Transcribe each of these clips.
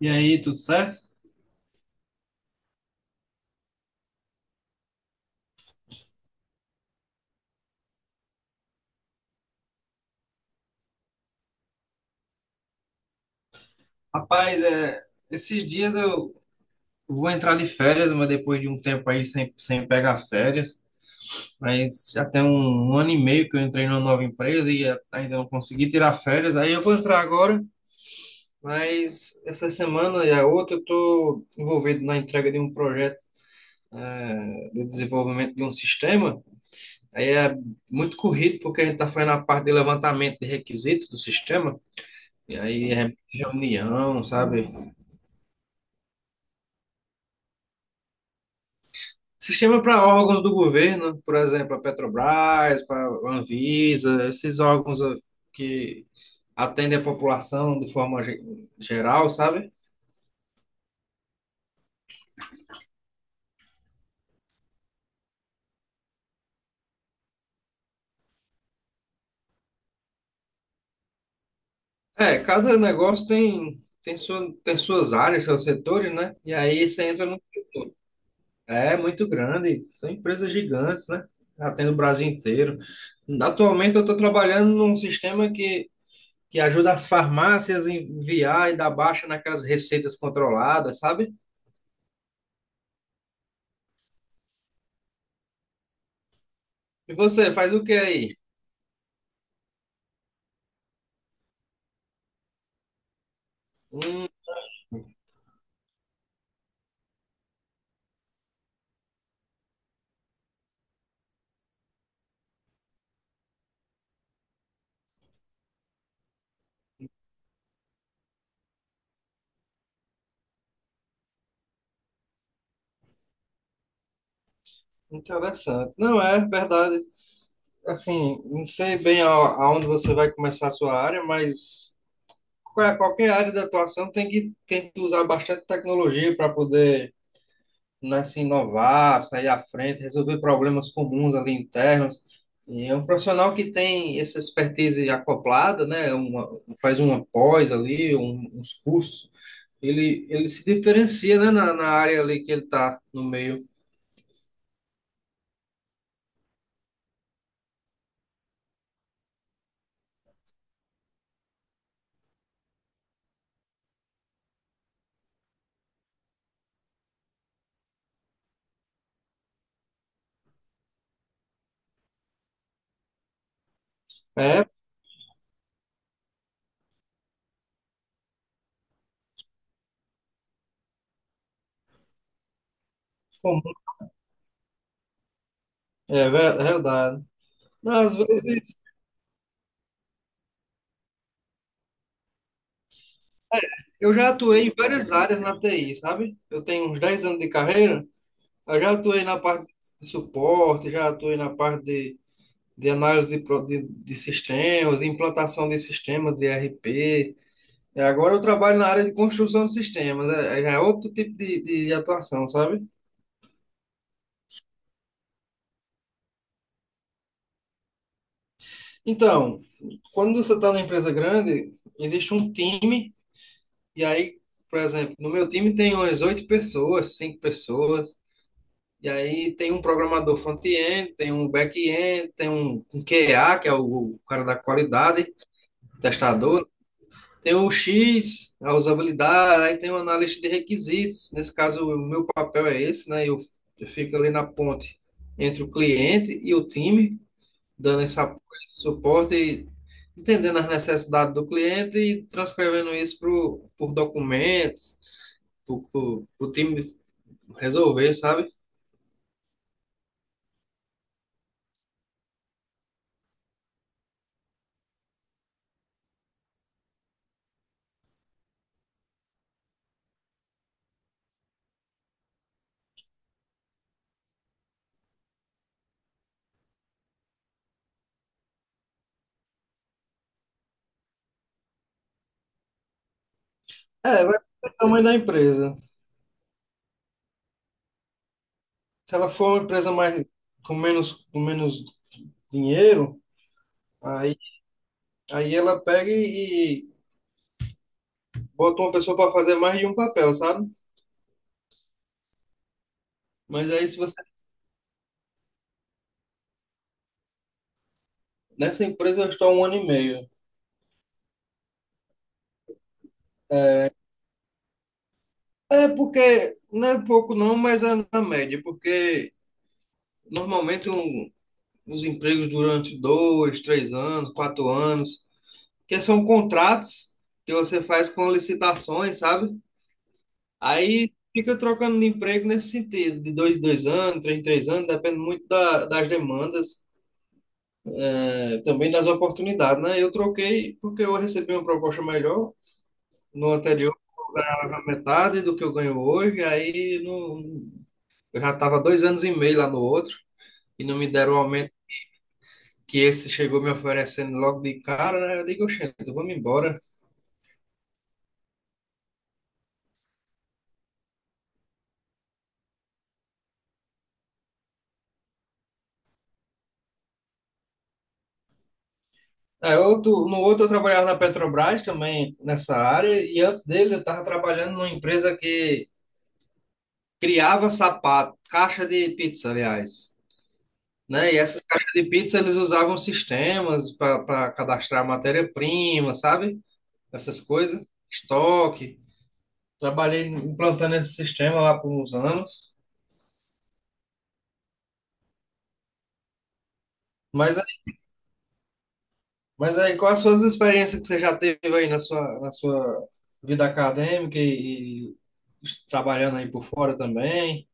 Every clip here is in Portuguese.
E aí, tudo certo? Rapaz, esses dias eu vou entrar de férias, mas depois de um tempo aí sem pegar férias. Mas já tem 1 ano e meio que eu entrei numa nova empresa e ainda não consegui tirar férias. Aí eu vou entrar agora, mas essa semana e a outra eu estou envolvido na entrega de um projeto de desenvolvimento de um sistema. Aí é muito corrido porque a gente está fazendo a parte de levantamento de requisitos do sistema. E aí é reunião, sabe? Sistema para órgãos do governo, por exemplo, a Petrobras, para a Anvisa, esses órgãos, que atendem a população de forma geral, sabe? É, cada negócio tem suas áreas, seus setores, né? E aí você entra no. É muito grande, são empresas gigantes, né? Atende o Brasil inteiro. Atualmente eu estou trabalhando num sistema que ajuda as farmácias a enviar e dar baixa naquelas receitas controladas, sabe? E você, faz o que aí? Hum, interessante. Não, é verdade. Assim, não sei bem aonde você vai começar a sua área, mas qualquer área de atuação tem tem que usar bastante tecnologia para poder, né, se inovar, sair à frente, resolver problemas comuns ali internos. E é um profissional que tem essa expertise acoplada, né, faz uma pós ali, uns cursos, ele se diferencia, né, na área ali que ele está no meio. É comum, é é verdade. Não, às vezes, eu já atuei em várias áreas na TI, sabe? Eu tenho uns 10 anos de carreira, eu já atuei na parte de suporte, já atuei na parte de análise de sistemas, de implantação de sistemas de ERP. E agora eu trabalho na área de construção de sistemas, é já é outro tipo de atuação, sabe? Então, quando você está numa empresa grande, existe um time, e aí, por exemplo, no meu time tem umas 8 pessoas, 5 pessoas. E aí tem um programador front-end, tem um back-end, tem um QA, que é o cara da qualidade, testador, tem o X, a usabilidade, aí tem o analista de requisitos. Nesse caso, o meu papel é esse, né? Eu fico ali na ponte entre o cliente e o time, dando esse apoio, esse suporte, e entendendo as necessidades do cliente e transcrevendo isso pro, por documentos, para o time resolver, sabe? É, vai depender do tamanho da empresa. Se ela for uma empresa mais com menos dinheiro, aí, aí ela pega e bota uma pessoa para fazer mais de um papel, sabe? Mas aí se você nessa empresa eu estou há 1 ano e meio. É porque não é pouco não, mas é na média, porque normalmente os empregos durante 2, 3 anos, 4 anos, que são contratos que você faz com licitações, sabe? Aí fica trocando de emprego nesse sentido, de 2 em 2 anos, 3 em 3 anos, depende muito das demandas, também das oportunidades, né? Eu troquei porque eu recebi uma proposta melhor no anterior, eu ganhava metade do que eu ganho hoje, aí não, eu já estava 2 anos e meio lá no outro e não me deram o aumento que esse chegou me oferecendo logo de cara, né? Eu digo, oxente, vamos embora. É, outro, no outro eu trabalhava na Petrobras também nessa área e antes dele eu estava trabalhando numa empresa que criava sapato, caixa de pizza, aliás, né? E essas caixas de pizza eles usavam sistemas para cadastrar matéria-prima, sabe? Essas coisas, estoque. Trabalhei implantando esse sistema lá por uns anos. Mas aí, mas aí, quais as suas experiências que você já teve aí na sua vida acadêmica e trabalhando aí por fora também?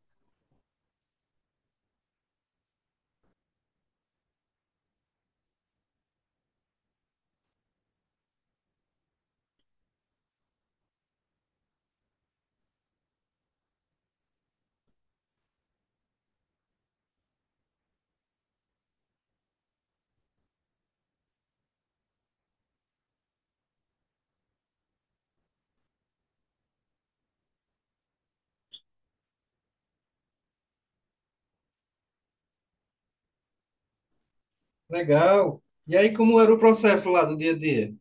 Legal. E aí, como era o processo lá do dia a dia?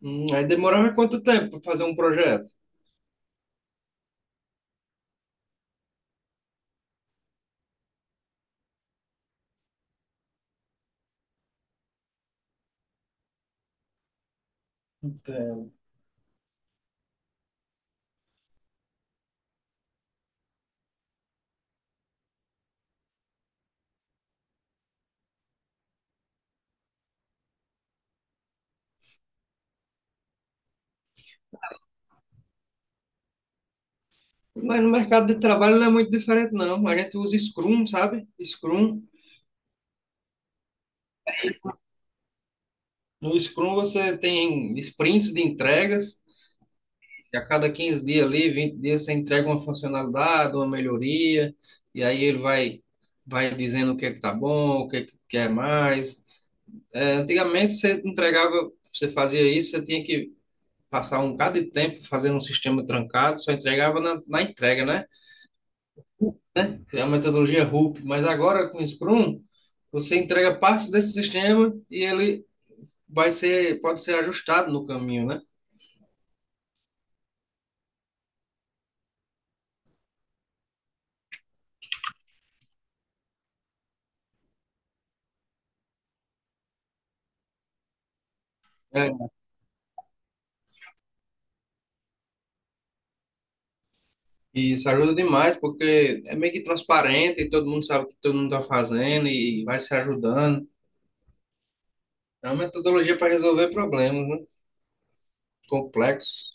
Aí demorava quanto tempo para fazer um projeto? Mas no mercado de trabalho não é muito diferente, não. A gente usa Scrum, sabe? Scrum. No Scrum você tem sprints de entregas, que a cada 15 dias ali, 20 dias, você entrega uma funcionalidade, uma melhoria, e aí vai dizendo o que é que tá bom, o que é que quer mais. É, antigamente você entregava, você fazia isso, você tinha que passar um bocado de tempo fazendo um sistema trancado, só entregava na entrega, né? Criar uma metodologia RUP, mas agora com o Scrum, você entrega partes desse sistema e ele pode ser ajustado no caminho, né? É, e isso ajuda demais, porque é meio que transparente e todo mundo sabe o que todo mundo está fazendo e vai se ajudando. É uma metodologia para resolver problemas, né? Complexos.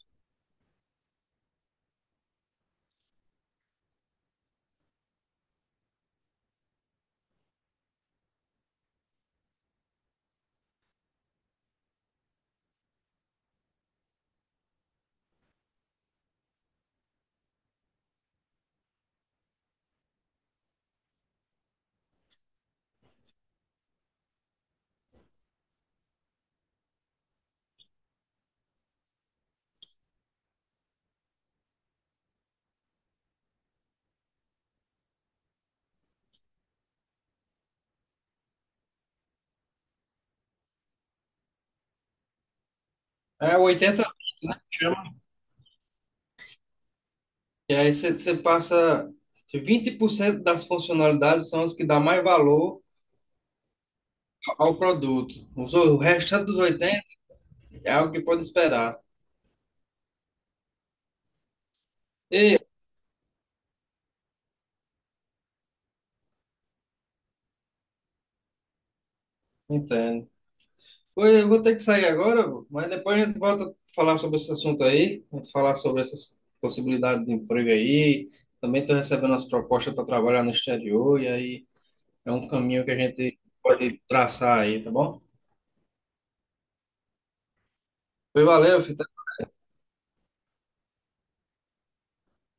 É 80 chama. E aí você passa. Que 20% das funcionalidades são as que dá mais valor ao produto. O restante dos 80% é algo que pode esperar. E entendo. Oi, eu vou ter que sair agora, vô, mas depois a gente volta a falar sobre esse assunto aí, a gente falar sobre essas possibilidades de emprego aí. Também estou recebendo as propostas para trabalhar no exterior, e aí é um caminho que a gente pode traçar aí, tá bom? Pois valeu, filho.